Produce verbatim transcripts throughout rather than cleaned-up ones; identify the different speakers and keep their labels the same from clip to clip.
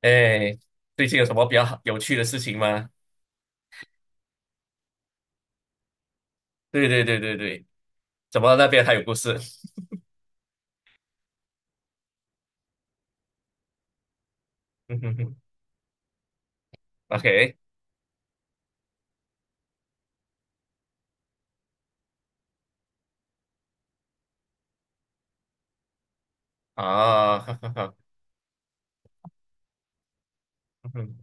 Speaker 1: 哎，最近有什么比较好有趣的事情吗？对对对对对。怎么那边还有故事？嗯哼哼。OK。 啊，哈哈哈。嗯哼，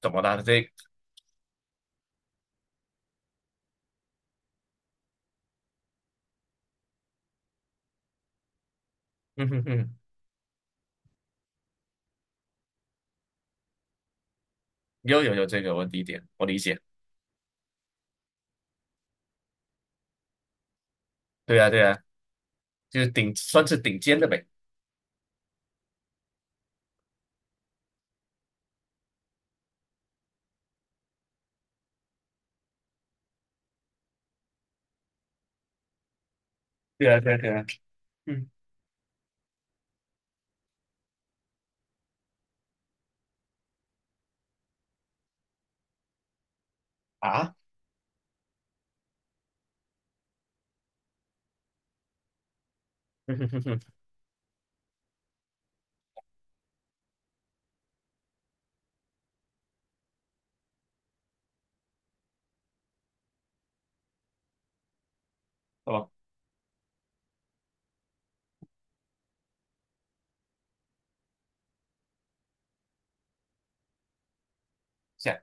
Speaker 1: 怎么啦？这，嗯哼哼，又有有这个问题点，我理解。对啊对啊，就是顶算是顶尖的呗。对啊对啊对啊。嗯啊，嗯哼哼哼。哦，想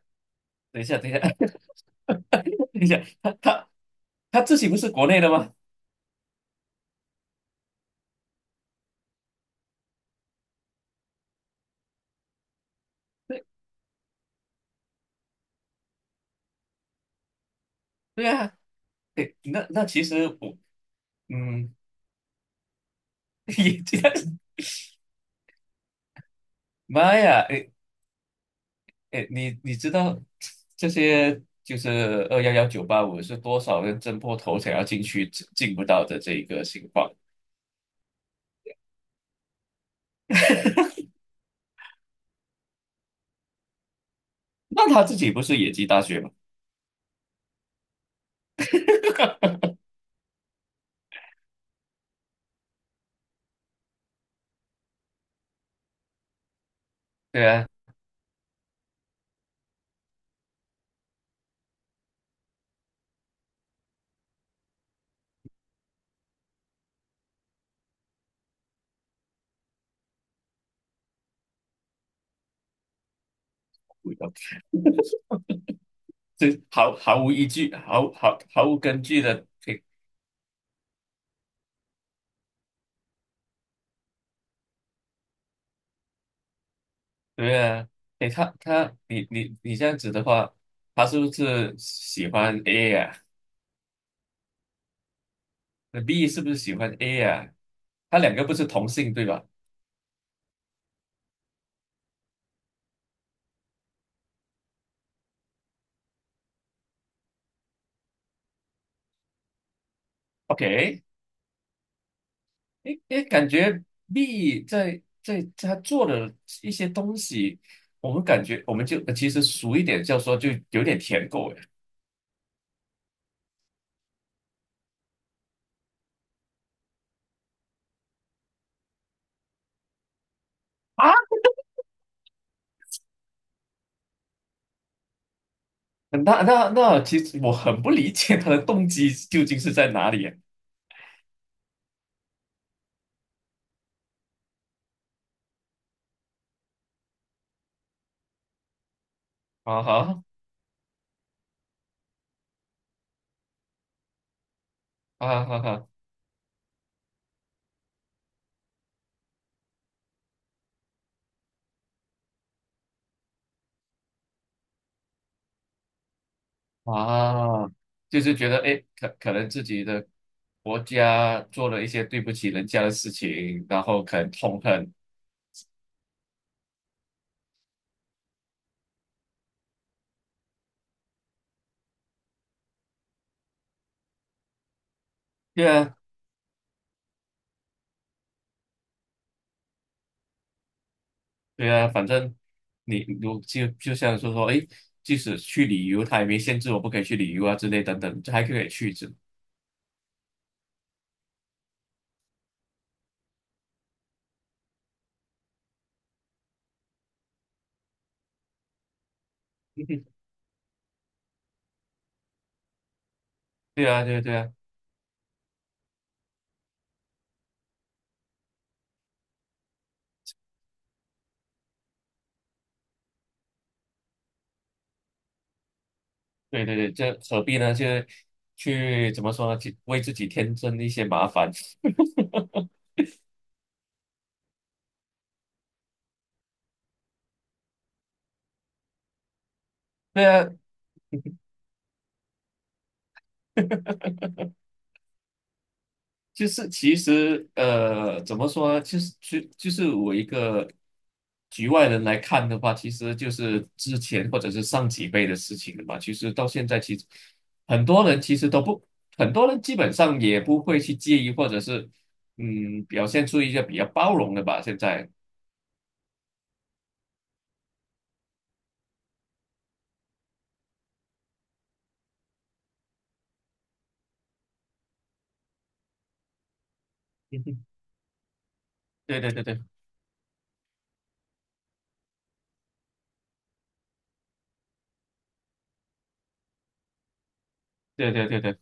Speaker 1: 等一下，等一下 等一下，他他他自己不是国内的吗？对，对啊。对，那那其实我嗯，也这样。妈呀！哎，你你知道这些就是二幺幺九八五是多少人挣破头想要进去进进不到的这一个情况？那他自己不是野鸡大学吗？对啊，这毫毫无依据，毫毫毫无根据的。对，对啊。哎，他他你你你这样子的话，他是不是喜欢 A 呀？那 B 是不是喜欢 A 呀？他两个不是同性对吧？OK。诶诶，感觉 B 在在他做的一些东西，我们感觉我们就其实俗一点叫说就有点舔狗。哎啊，那那那其实我很不理解他的动机究竟是在哪里。啊哈，啊哈哈啊，就是觉得哎诶可可能自己的国家做了一些对不起人家的事情，然后可能痛恨。对啊，对啊，反正你如就就像是说，诶，即使去旅游，他也没限制我不可以去旅游啊之类等等，这还可以去一次。对啊对啊。对啊对对，这何必呢？就去怎么说呢？去为自己添增一些麻烦。对啊，就是其实呃，怎么说呢？就是就就是我一个局外人来看的话，其实就是之前或者是上几辈的事情了嘛。其实到现在，其实很多人其实都不，很多人基本上也不会去介意，或者是嗯，表现出一些比较包容的吧。现在，嗯，对对对对对对对对。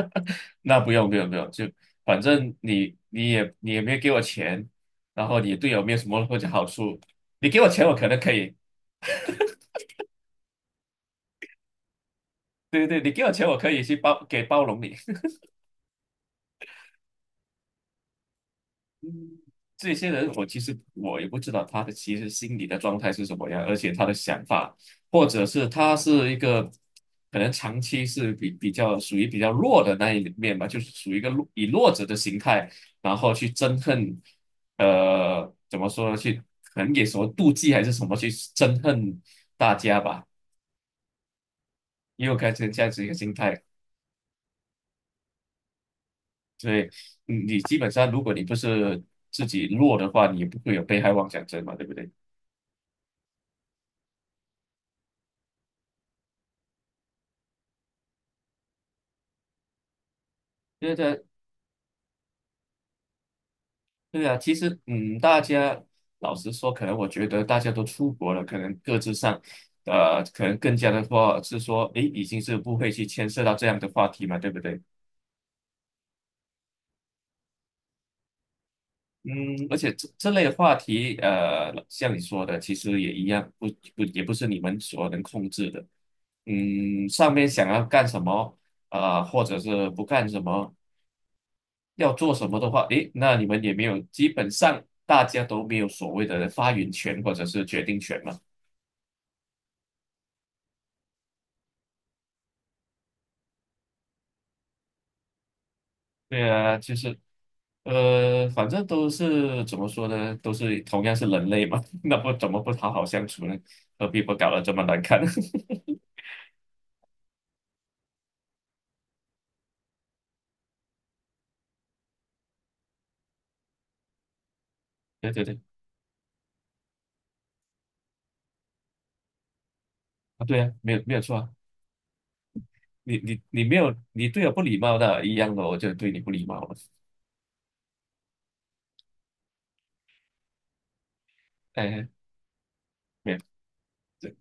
Speaker 1: 那不用不用不用，就反正你你也你也没有给我钱，然后你对我没有什么 或者好处。你给我钱我可能可以。对对对，你给我钱我可以去包给包容你。这些人，我其实我也不知道他的其实心理的状态是什么样，而且他的想法，或者是他是一个可能长期是比比较属于比较弱的那一面吧，就是属于一个弱以弱者的形态，然后去憎恨。呃，怎么说呢？去可能也什么妒忌还是什么去憎恨大家吧，也有该成这样子一个心态。所以你你基本上，如果你不是自己弱的话，你也不会有被害妄想症嘛，对不对？因为对。对啊，其实嗯，大家老实说，可能我觉得大家都出国了，可能各自上，呃，可能更加的话是说，诶，已经是不会去牵涉到这样的话题嘛，对不对？嗯，而且这这类的话题，呃，像你说的，其实也一样，不不也不是你们所能控制的。嗯，上面想要干什么，啊，或者是不干什么，要做什么的话，诶，那你们也没有，基本上大家都没有所谓的发言权或者是决定权嘛。对啊，就是，呃，反正都是怎么说呢，都是同样是人类嘛，那不怎么不好好相处呢？何必不搞得这么难看？对对对。啊对啊，没有没有错啊。你你你没有，你对我不礼貌的一样的，我就对你不礼貌了。哎，没有，对。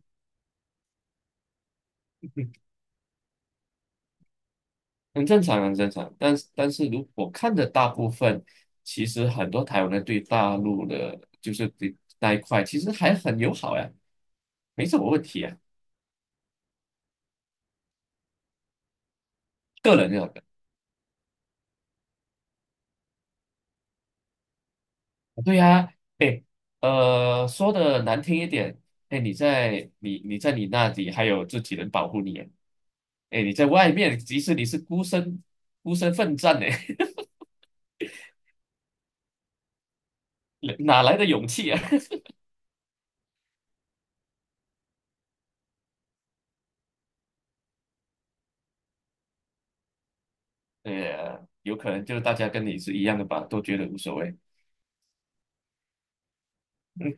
Speaker 1: 很正常，很正常。但是但是如果看着大部分，其实很多台湾人对大陆的，就是对那一块，其实还很友好呀，没什么问题啊，个人认为。对呀，哎，呃，说的难听一点，哎，你在你你在你那里还有自己人保护你，哎，你在外面，即使你是孤身孤身奋战呢，哪来的勇气啊？对，有可能就是大家跟你是一样的吧，都觉得无所谓。嗯，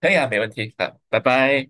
Speaker 1: 可以啊，没问题啊，拜拜。